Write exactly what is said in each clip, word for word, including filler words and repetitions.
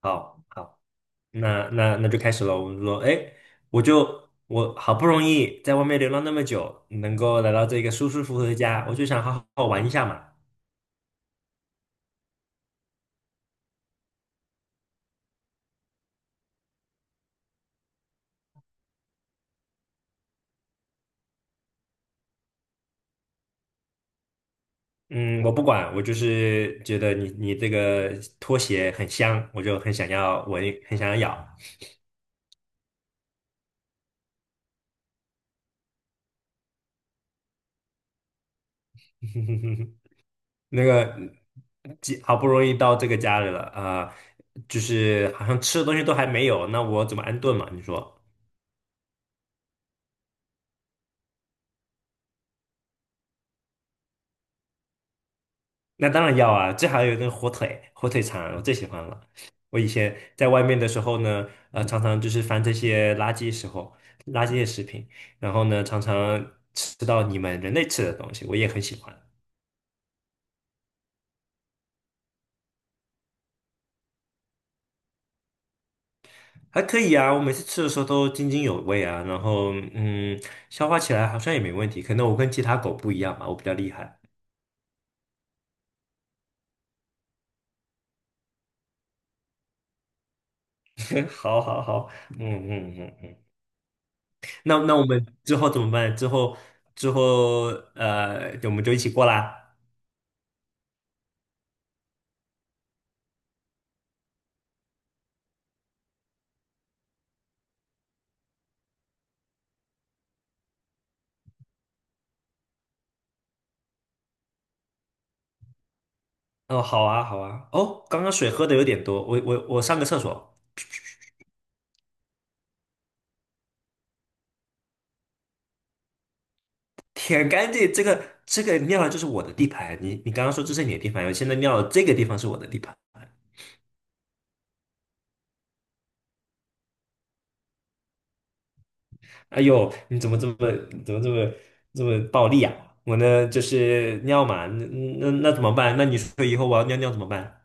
好好，那那那就开始了。我们说，哎，我就我好不容易在外面流浪那么久，能够来到这个舒舒服服的家，我就想好好玩一下嘛。嗯，我不管，我就是觉得你你这个拖鞋很香，我就很想要闻，很想要咬。那个几好不容易到这个家里了啊，就是好像吃的东西都还没有，那我怎么安顿嘛？你说？那当然要啊，这还有那个火腿，火腿肠我最喜欢了。我以前在外面的时候呢，呃，常常就是翻这些垃圾时候，垃圾的食品，然后呢，常常吃到你们人类吃的东西，我也很喜欢，还可以啊。我每次吃的时候都津津有味啊，然后嗯，消化起来好像也没问题。可能我跟其他狗不一样吧，我比较厉害。好好好，嗯嗯嗯嗯，那那我们之后怎么办？之后之后呃，我们就一起过啦。哦，好啊，好啊。哦，刚刚水喝的有点多，我我我上个厕所，舔干净。这个这个尿了就是我的地盘，你你刚刚说这是你的地盘，我现在尿了这个地方是我的地盘。哎呦，你怎么这么怎么这么这么暴力啊？我呢就是尿嘛，那那那怎么办？那你说以后我要尿尿怎么办？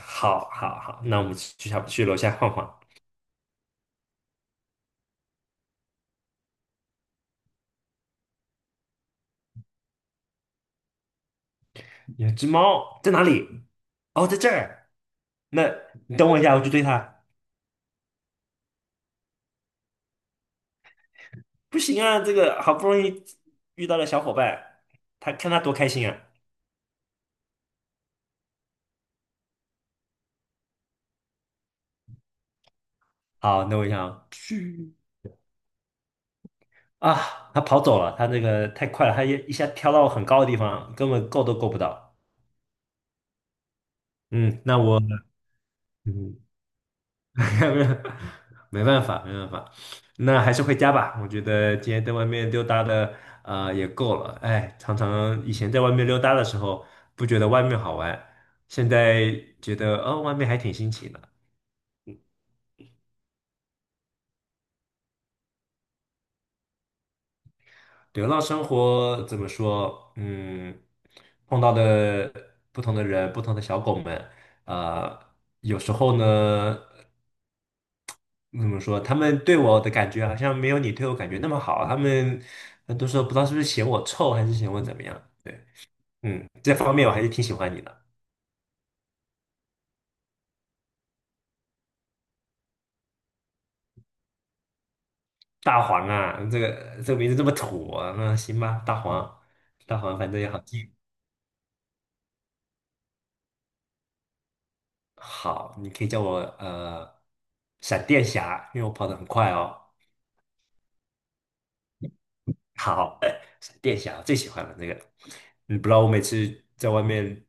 好，好，好，那我们去下去楼下晃晃。有只猫在哪里？哦，在这儿。那你等我一下，我去追它。不行啊，这个好不容易遇到了小伙伴，他看他多开心啊！好，那我想啊，他跑走了，他那个太快了，他一一下跳到很高的地方，根本够都够不到。嗯，那我嗯，没办法，没办法，那还是回家吧。我觉得今天在外面溜达的呃也够了。哎，常常以前在外面溜达的时候，不觉得外面好玩，现在觉得哦，外面还挺新奇的。流浪生活怎么说？嗯，碰到的不同的人，不同的小狗们，呃，有时候呢，怎么说？他们对我的感觉好像没有你对我感觉那么好。他们很多时候不知道是不是嫌我臭，还是嫌我怎么样？对，嗯，这方面我还是挺喜欢你的，大黄啊，这个这个名字这么土啊，那行吧，大黄，大黄，反正也好记。好，你可以叫我呃闪电侠，因为我跑得很快哦。好，闪电侠最喜欢了那个，你不知道我每次在外面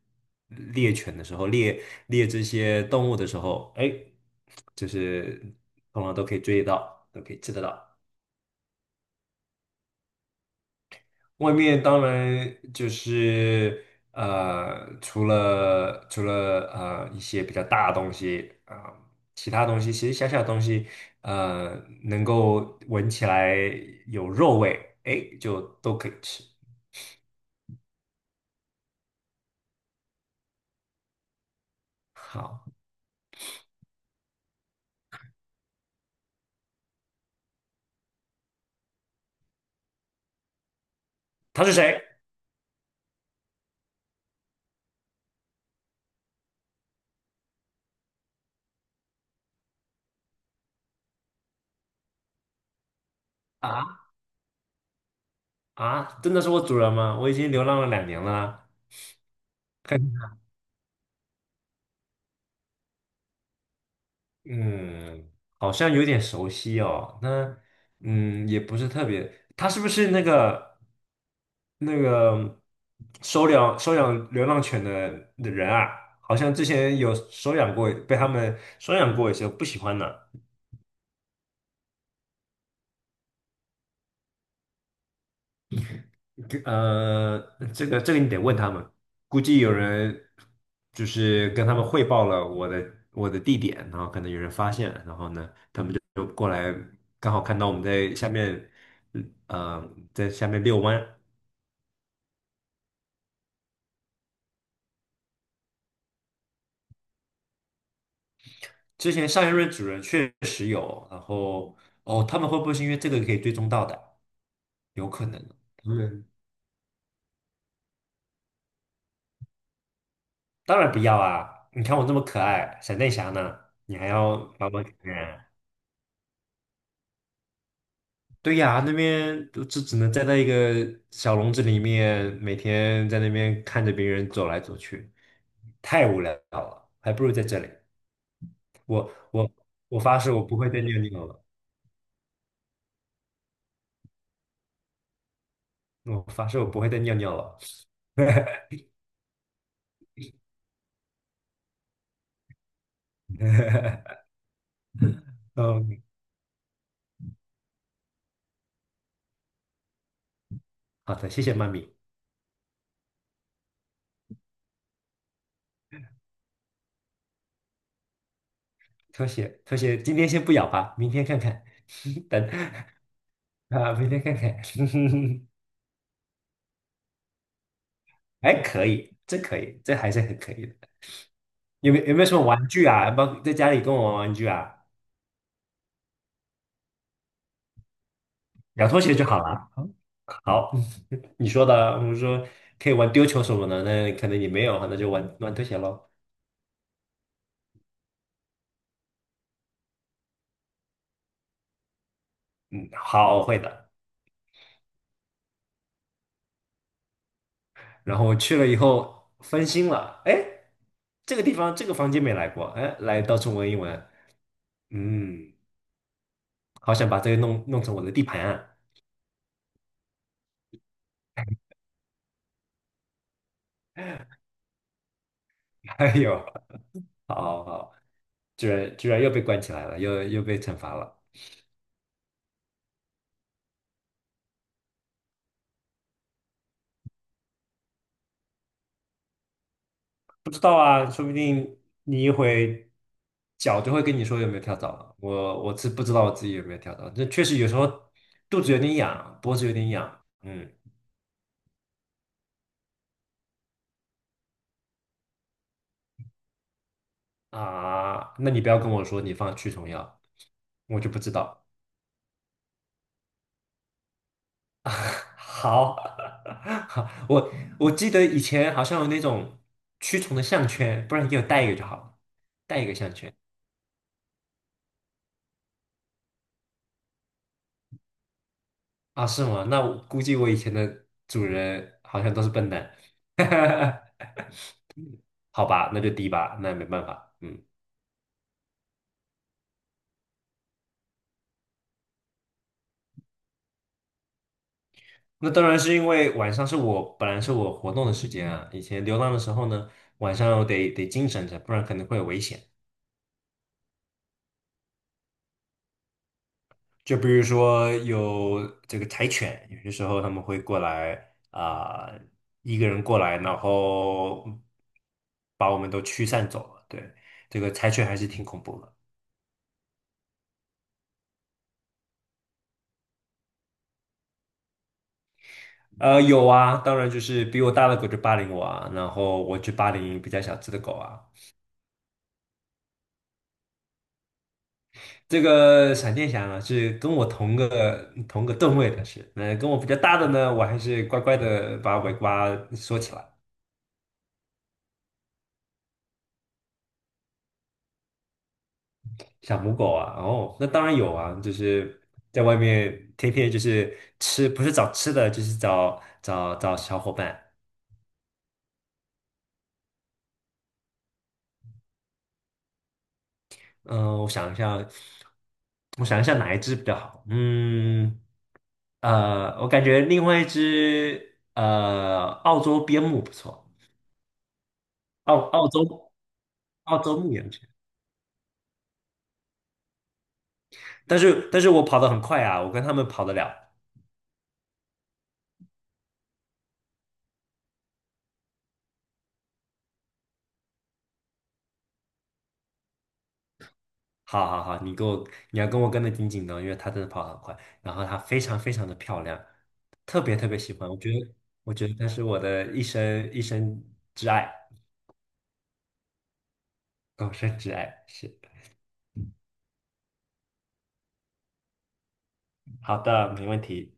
猎犬的时候，猎猎这些动物的时候，哎，就是通常都可以追得到，都可以吃得到。外面当然就是呃，除了除了呃一些比较大的东西啊、呃其他东西其实小小的东西，呃，能够闻起来有肉味，哎，就都可以吃。好，他是谁？啊啊！真的是我主人吗？我已经流浪了两年了。嗯，好像有点熟悉哦。那嗯，也不是特别。他是不是那个那个收养收养流浪犬的的人啊？好像之前有收养过，被他们收养过一些，不喜欢呢。呃，这个这个你得问他们，估计有人就是跟他们汇报了我的我的地点，然后可能有人发现，然后呢，他们就就过来，刚好看到我们在下面，嗯呃，在下面遛弯。之前上一任主人确实有，然后哦，他们会不会是因为这个可以追踪到的？有可能，他们当然不要啊！你看我这么可爱，闪电侠呢，你还要把我怎么样？对呀，那边就只只能站在一个小笼子里面，每天在那边看着别人走来走去，太无聊了，还不如在这里。我我我发誓，我不会再尿尿了。我发誓，我不会再尿尿了。嗯，好的，谢谢妈咪，拖鞋拖鞋，今天先不咬吧，明天看看，等啊，明天看看，还可以，这可以，这还是很可以的。有没有有没有什么玩具啊？包括在家里跟我玩玩具啊？两拖鞋就好了。好，你说的啊我说可以玩丢球什么的，那可能你没有，那就玩玩拖鞋喽。嗯好，我会的。然后我去了以后分心了，哎，这个地方这个房间没来过，哎，来到处闻一闻，嗯，好想把这个弄弄成我的地盘啊。哎呦，好好好，居然居然又被关起来了，又又被惩罚了。不知道啊，说不定你一回脚就会跟你说有没有跳蚤了。我我是不知道我自己有没有跳蚤，这确实有时候肚子有点痒，脖子有点痒，嗯啊，那你不要跟我说你放驱虫药，我就不知道。好，好，我我记得以前好像有那种驱虫的项圈，不然你给我带一个就好了，带一个项圈啊？是吗？那我估计我以前的主人好像都是笨蛋。好吧，那就低吧，那也没办法，嗯，那当然是因为晚上是我本来是我活动的时间啊，以前流浪的时候呢，晚上我得得精神着，不然可能会有危险。就比如说有这个柴犬，有些时候他们会过来啊、一个人过来，然后把我们都驱散走了。对，这个柴犬还是挺恐怖的。呃，有啊，当然就是比我大的狗就霸凌我啊，然后我去霸凌比较小只的狗啊。这个闪电侠呢是跟我同个同个段位的是，那跟我比较大的呢，我还是乖乖的把尾巴缩起来。小母狗啊，哦，那当然有啊，就是在外面天天就是吃，不是找吃的，就是找找找小伙伴。嗯、我想一下，我想一下哪一只比较好？嗯，呃，我感觉另外一只呃澳洲边牧不错，澳澳洲澳洲牧羊犬。但是但是我跑得很快啊，我跟他们跑得了。好好好，你跟我你要跟我跟得紧紧的，因为他真的跑得很快，然后他非常非常的漂亮，特别特别喜欢。我觉得我觉得他是我的一生一生挚爱，终身挚爱。是，好的，没问题。